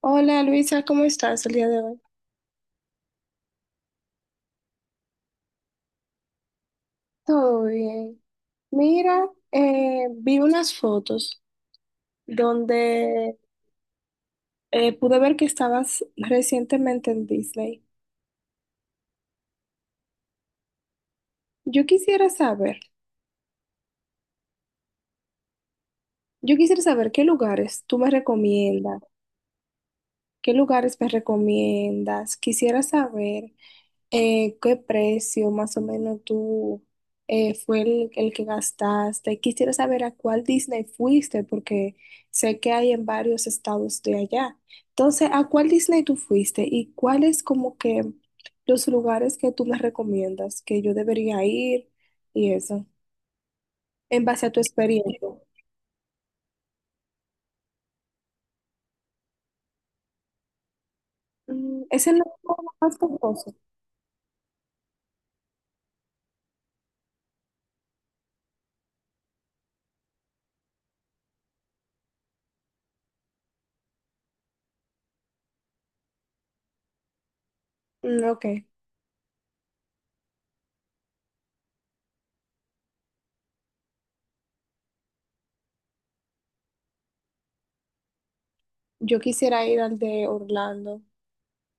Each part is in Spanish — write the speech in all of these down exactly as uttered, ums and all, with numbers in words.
Hola Luisa, ¿cómo estás el día de hoy? Todo bien. Mira, eh, vi unas fotos donde eh, pude ver que estabas recientemente en Disney. Yo quisiera saber, yo quisiera saber qué lugares tú me recomiendas, qué lugares me recomiendas. Quisiera saber. Eh, ¿qué precio más o menos tú eh, fue el, el que gastaste? Quisiera saber a cuál Disney fuiste, porque sé que hay en varios estados de allá. Entonces, ¿a cuál Disney tú fuiste y cuáles como que los lugares que tú me recomiendas que yo debería ir y eso, en base a tu experiencia? Mm, ¿ese no es el más costoso? Mm, ok, yo quisiera ir al de Orlando.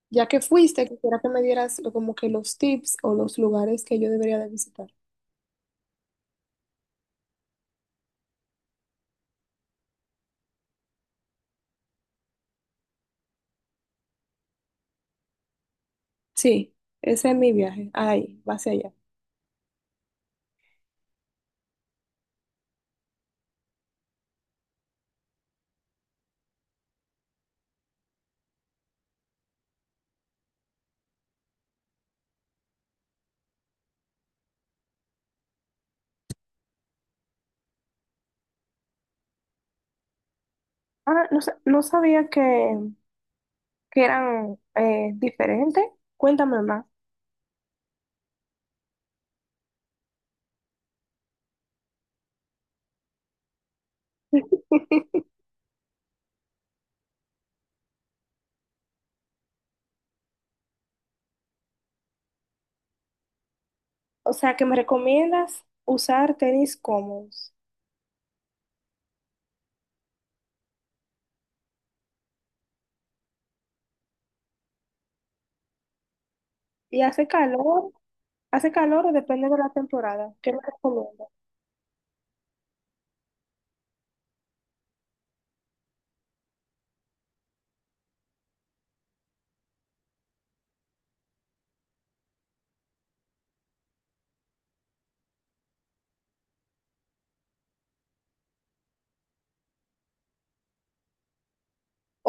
Ya que fuiste, quisiera que me dieras lo- como que los tips o los lugares que yo debería de visitar. Sí, ese es mi viaje. Ahí, va hacia allá. Ah, no, sa- no sabía que, que eran eh, diferentes. Cuéntame más. O sea, que me recomiendas usar tenis cómodos. ¿Y hace calor? ¿Hace calor o depende de la temporada? ¿Qué me recomienda?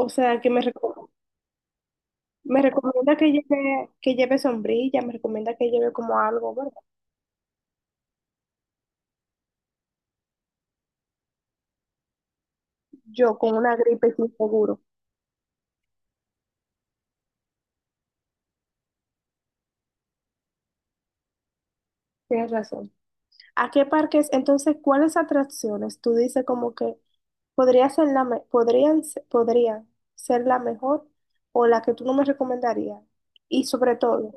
O sea, que me, reco- me recomienda que lleve, que lleve sombrilla, me recomienda que lleve como algo, ¿verdad? Yo con una gripe sin seguro. Tienes razón. ¿A qué parques? Entonces, ¿cuáles atracciones tú dices como que podría ser la me- podrían, se- podría ser la mejor o la que tú no me recomendarías? Y sobre todo,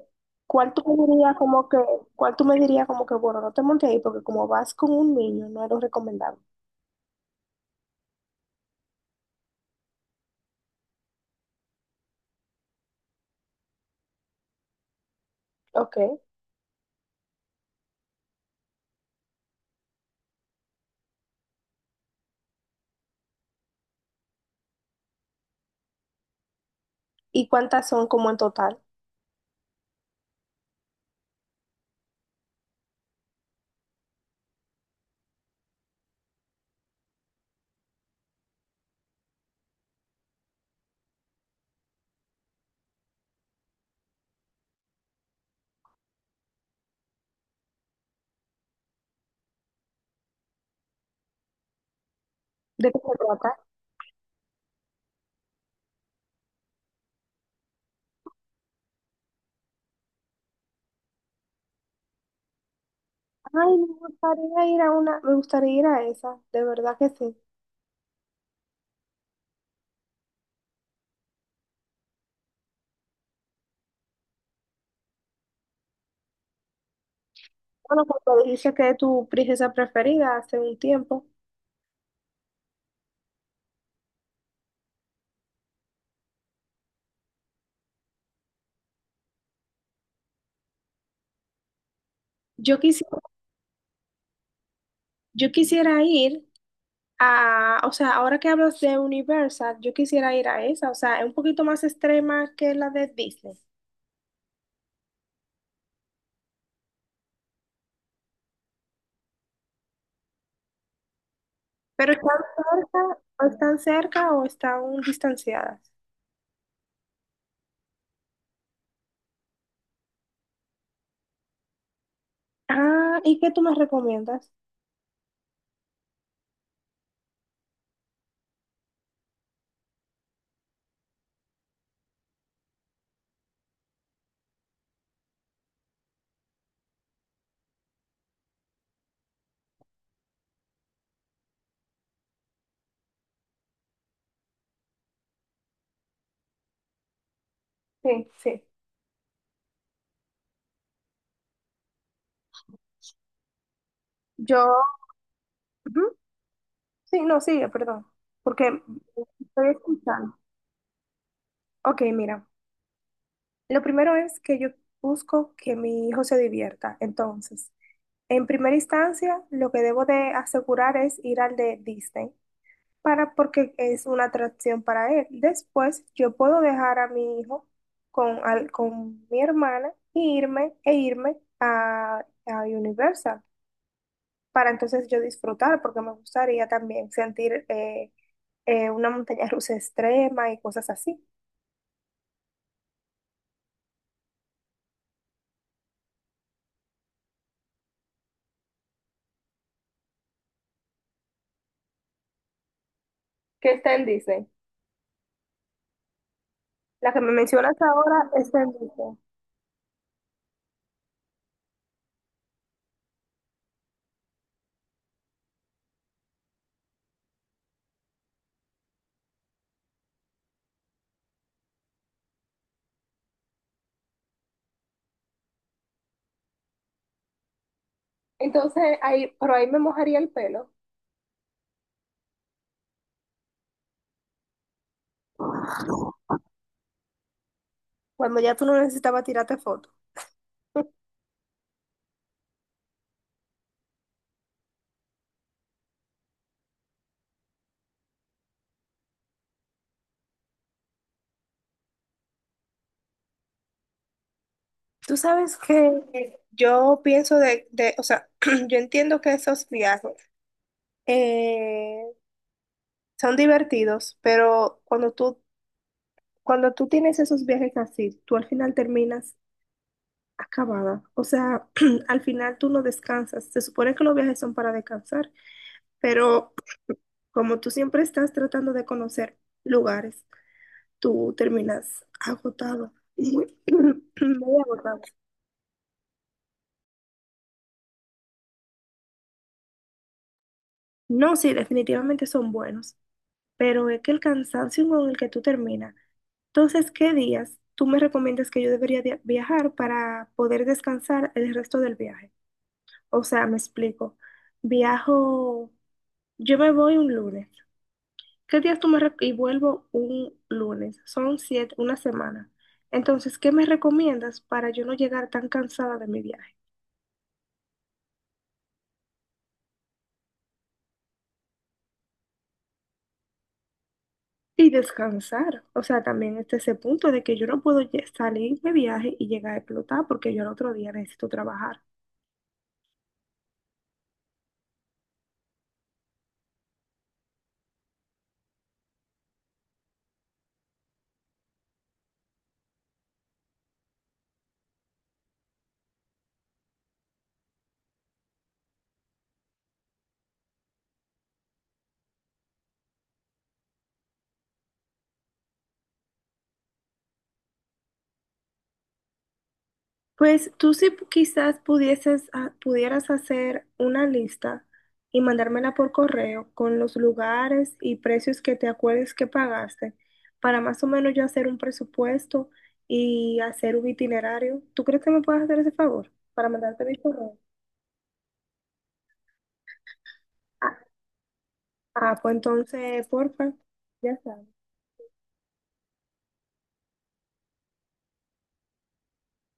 ¿cuál tú me dirías como que, cuál tú me dirías como que, bueno, no te montes ahí porque como vas con un niño, no es lo recomendable? Ok. ¿Y cuántas son como en total? ¿De qué se trata? Ay, me gustaría ir a una, me gustaría ir a esa, de verdad que sí. Bueno, porque dijiste que es tu princesa preferida hace un tiempo. Yo quisiera Yo quisiera ir a, o sea, ahora que hablas de Universal, yo quisiera ir a esa, o sea, es un poquito más extrema que la de Disney. Pero están cerca, o están cerca o están distanciadas. Ah, ¿y qué tú me recomiendas? Sí, sí. Yo, ujú. Sí, no, sigue, perdón, porque estoy escuchando. Ok, mira, lo primero es que yo busco que mi hijo se divierta. Entonces, en primera instancia, lo que debo de asegurar es ir al de Disney, para porque es una atracción para él. Después, yo puedo dejar a mi hijo con, al- con mi hermana y irme, e irme a, a Universal, para entonces yo disfrutar, porque me gustaría también sentir eh, eh, una montaña rusa extrema y cosas así. ¿Qué está en Disney? La que me mencionas ahora es en Disney. Entonces, ahí, pero ahí me mojaría el pelo, cuando ya tú no necesitabas tirarte fotos. Tú sabes que yo pienso de, de- o sea, yo entiendo que esos viajes eh, son divertidos, pero cuando tú, cuando tú tienes esos viajes así, tú al final terminas acabada. O sea, al final tú no descansas. Se supone que los viajes son para descansar, pero como tú siempre estás tratando de conocer lugares, tú terminas agotado. Muy, muy agotado. No, sí, definitivamente son buenos, pero es que el cansancio con el que tú terminas. Entonces, ¿qué días tú me recomiendas que yo debería de- viajar para poder descansar el resto del viaje? O sea, me explico. Viajo, yo me voy un lunes. ¿Qué días tú me rec- y vuelvo un lunes? Son siete, una semana. Entonces, ¿qué me recomiendas para yo no llegar tan cansada de mi viaje? Y descansar. O sea, también este ese punto de que yo no puedo lle- salir de viaje y llegar a explotar porque yo al otro día necesito trabajar. Pues tú sí pu- quizás pudieses, ah, pudieras hacer una lista y mandármela por correo con los lugares y precios que te acuerdes que pagaste para más o menos yo hacer un presupuesto y hacer un itinerario. ¿Tú crees que me puedes hacer ese favor para mandarte mi correo? Ah, ah, pues entonces, porfa, ya sabes.